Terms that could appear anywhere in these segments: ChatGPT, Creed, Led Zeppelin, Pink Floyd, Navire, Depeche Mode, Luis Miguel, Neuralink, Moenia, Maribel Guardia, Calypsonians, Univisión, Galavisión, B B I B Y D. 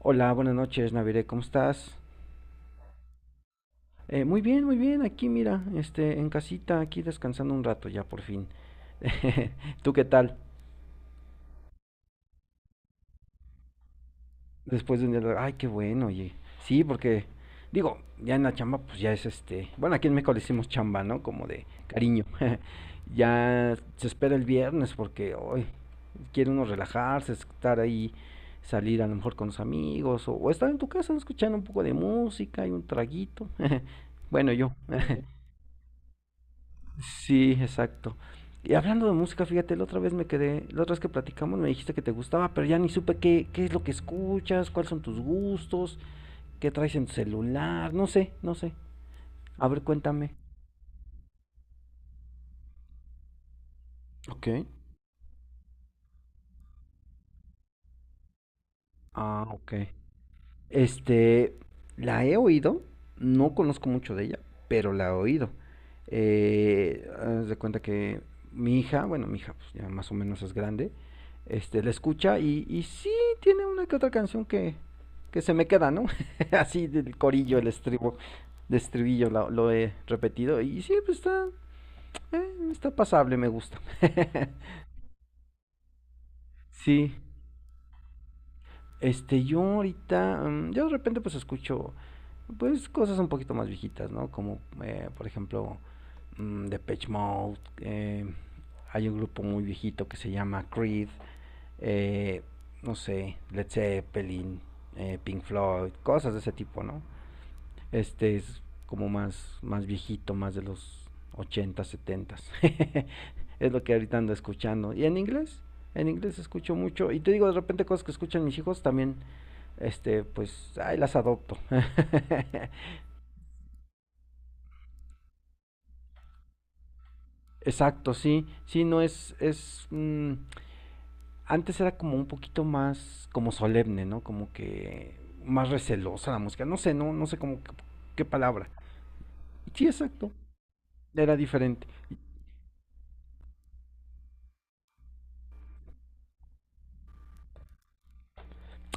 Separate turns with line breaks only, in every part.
Hola, buenas noches, Navire, ¿cómo estás? Muy bien, aquí mira, en casita, aquí descansando un rato ya por fin. ¿Tú qué tal? Después de un día, ay, qué bueno, oye. Sí, porque, digo, ya en la chamba, pues ya es bueno, aquí en México le decimos chamba, ¿no? Como de cariño. Ya se espera el viernes porque hoy quiere uno relajarse, estar ahí, salir a lo mejor con los amigos o estar en tu casa escuchando un poco de música y un traguito. Bueno, yo. Sí, exacto. Y hablando de música, fíjate, la otra vez que platicamos me dijiste que te gustaba, pero ya ni supe qué es lo que escuchas, cuáles son tus gustos, qué traes en tu celular, no sé, no sé. A ver, cuéntame. Ok. Ah, ok. Este, la he oído, no conozco mucho de ella, pero la he oído. Haz de cuenta que mi hija, bueno, mi hija pues, ya más o menos es grande, la escucha y sí tiene una que otra canción que se me queda, ¿no? Así del corillo, de estribillo lo he repetido y sí, pues está pasable, me gusta. Sí, yo de repente pues escucho, pues cosas un poquito más viejitas, ¿no? Como, por ejemplo, Depeche Mode, hay un grupo muy viejito que se llama Creed, eh, no sé, Led Zeppelin, Pink Floyd, cosas de ese tipo, ¿no? Este es como más, más viejito, más de los 80 70. Es lo que ahorita ando escuchando. ¿Y en inglés? En inglés escucho mucho. Y te digo, de repente cosas que escuchan mis hijos también, pues, ay, las adopto. Exacto, sí, sí, no antes era como un poquito más, como solemne, ¿no? Como que más recelosa la música, no sé, no, no sé cómo, qué palabra. Sí, exacto, era diferente.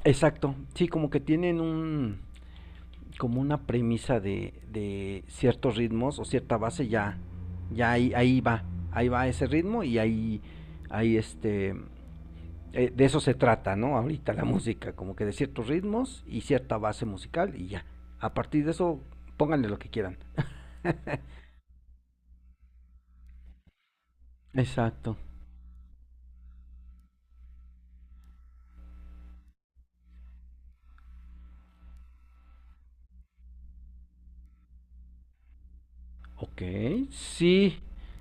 Exacto, sí, como que tienen un, como una premisa de ciertos ritmos o cierta base, ya, ya ahí, ahí va ese ritmo y ahí, ahí este, de eso se trata, ¿no? Ahorita la música, como que de ciertos ritmos y cierta base musical y ya. A partir de eso, pónganle lo que quieran. Exacto. Ok, sí,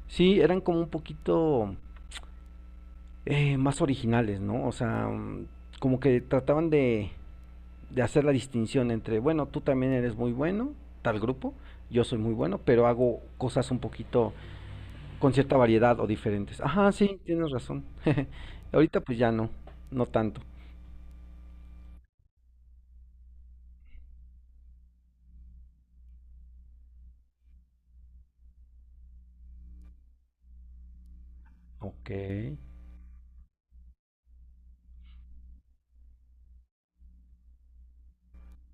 sí, eran como un poquito más originales, ¿no? O sea, como que trataban de hacer la distinción entre, bueno, tú también eres muy bueno, tal grupo, yo soy muy bueno, pero hago cosas un poquito con cierta variedad o diferentes. Ajá, sí, tienes razón. Ahorita pues ya no, no tanto. Ok.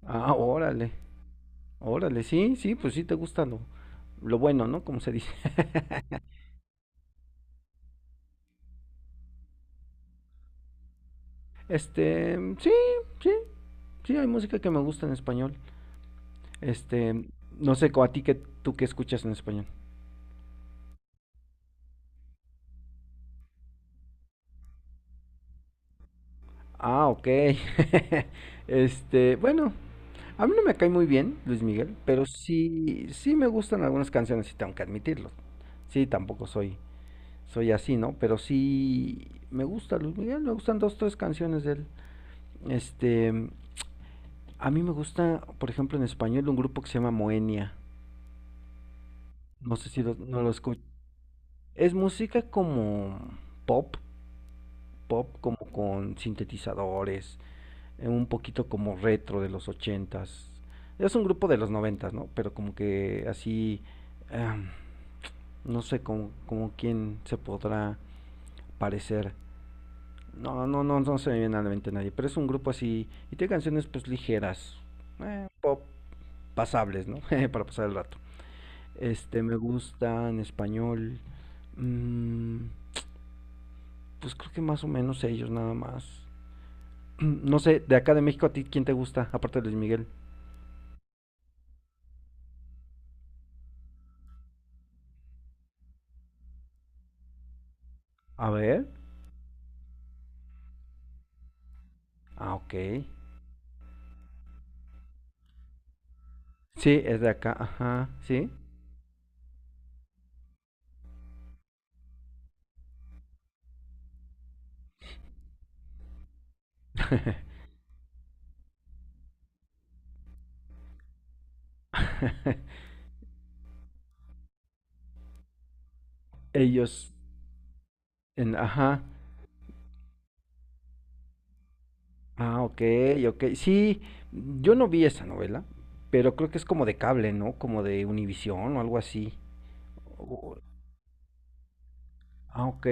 Ah, órale. Órale, sí, sí, pues sí te gusta lo bueno, ¿no? Como se dice. Sí, sí, sí, hay música que me gusta en español. Este, no sé, a ti, que tú que escuchas en español? Ah, ok. Bueno, a mí no me cae muy bien Luis Miguel, pero sí, sí me gustan algunas canciones, sí tengo que admitirlo. Sí, tampoco soy así, ¿no? Pero sí me gusta Luis Miguel, me gustan dos, tres canciones de él. Este, A mí me gusta, por ejemplo, en español un grupo que se llama Moenia. No sé si no lo escucho. Es música como pop, pop como con sintetizadores, un poquito como retro de los ochentas. Es un grupo de los noventas, ¿no? Pero como que así, ah, no sé como quién se podrá parecer. No, no, no, no se me viene a la mente nadie. Pero es un grupo así y tiene canciones pues ligeras, pop, pasables, ¿no? Para pasar el rato. Me gusta en español. mm, pues creo que más o menos ellos nada más. No sé, de acá de México, a ti, ¿quién te gusta? Aparte de Luis Miguel. A ver. Ah, ok. Sí, es de acá. Ajá, sí. Ellos. En, ajá. Ah, ok, ok. Sí, yo no vi esa novela, pero creo que es como de cable, ¿no? Como de Univisión o algo así. O- ah, ok.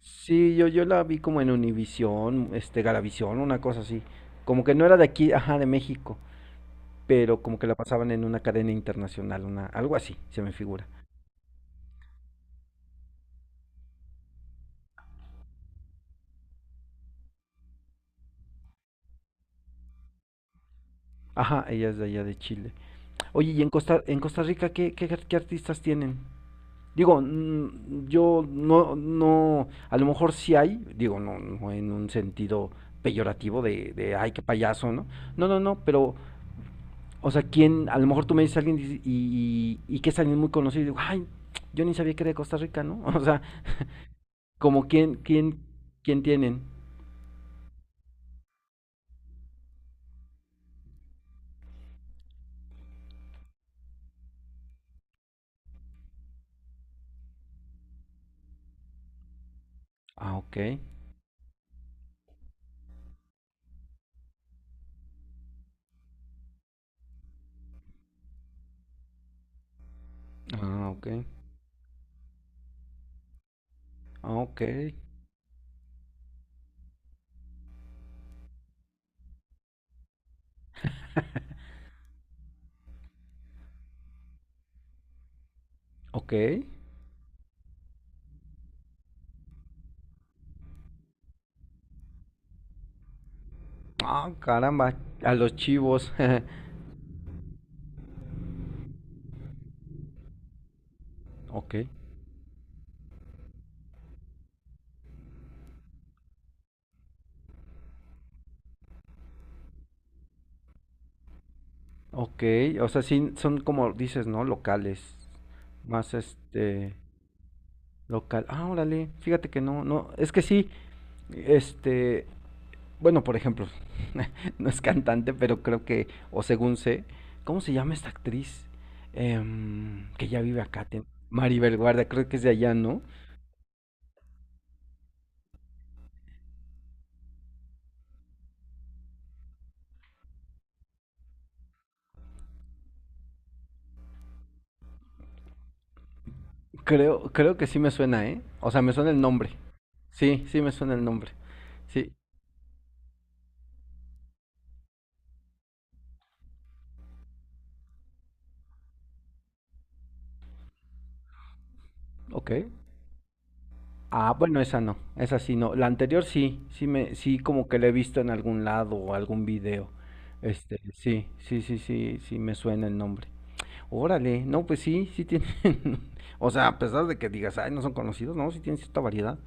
Sí, yo la vi como en Univisión, Galavisión, una cosa así. Como que no era de aquí, ajá, de México, pero como que la pasaban en una cadena internacional, una, algo así, se me figura. Ajá, ella es de allá de Chile. Oye, ¿y en Costa, Rica qué artistas tienen? Digo, yo no, no, a lo mejor sí hay, digo, no, no en un sentido peyorativo ay, qué payaso, ¿no? No, no, no, pero, o sea, ¿quién? A lo mejor tú me dices a alguien y que es alguien muy conocido y digo, ay, yo ni sabía que era de Costa Rica, ¿no? O sea, como quién tienen. Ah, ok. Ah, ok. Ah, ok. Ok. Ah, caramba. A los chivos. Ok. Ok. O sea, sí, son como dices, ¿no? Locales. Más Local. Ah, órale. Fíjate que no, no. Es que sí. Este. Bueno, por ejemplo, no es cantante, pero creo que, o según sé, ¿cómo se llama esta actriz? Que ya vive acá, Maribel Guardia, creo que es de allá, ¿no? Creo que sí me suena, ¿eh? O sea, me suena el nombre. Sí, sí me suena el nombre. Sí, ok. Ah, bueno, esa no, esa sí no. La anterior sí, sí me, sí como que la he visto en algún lado o algún video. Sí, sí, sí, sí, sí me suena el nombre. Órale, no, pues sí, sí tienen, o sea, a pesar de que digas, ay, no son conocidos, no, sí tienen cierta variedad,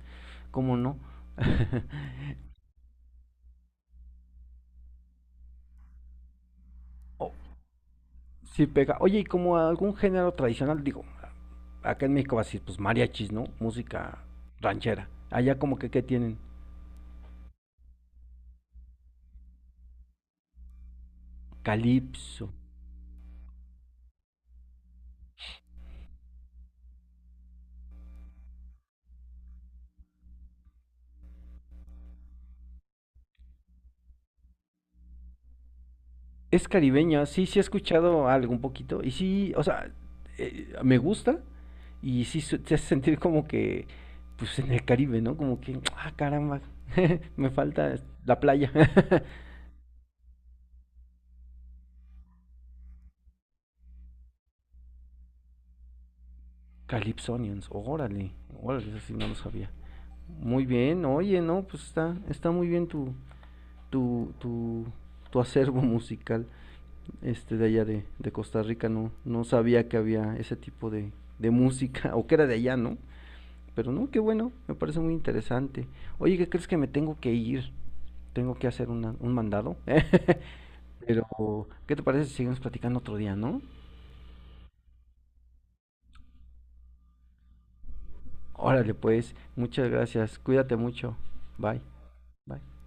¿cómo no? Oh, sí pega. Oye, y como algún género tradicional, digo, acá en México va a decir, pues mariachis, ¿no? Música ranchera. Allá, como que, ¿qué tienen? Calipso. Es caribeño, sí, sí he escuchado algo un poquito, y sí, o sea, me gusta, y sí te hace sentir como que, pues en el Caribe, ¿no? Como que, ah, caramba, me falta la playa. Calypsonians, órale, órale, eso sí no lo sabía. Muy bien, oye, no, pues está muy bien tu, tu, tu, tu, acervo musical, de allá de Costa Rica, no, no sabía que había ese tipo de música, o que era de allá, ¿no? Pero no, qué bueno, me parece muy interesante. Oye, ¿qué crees? Que me tengo que ir. Tengo que hacer un mandado. Pero, ¿qué te parece si seguimos platicando otro día, no? Órale, pues, muchas gracias, cuídate mucho. Bye, bye.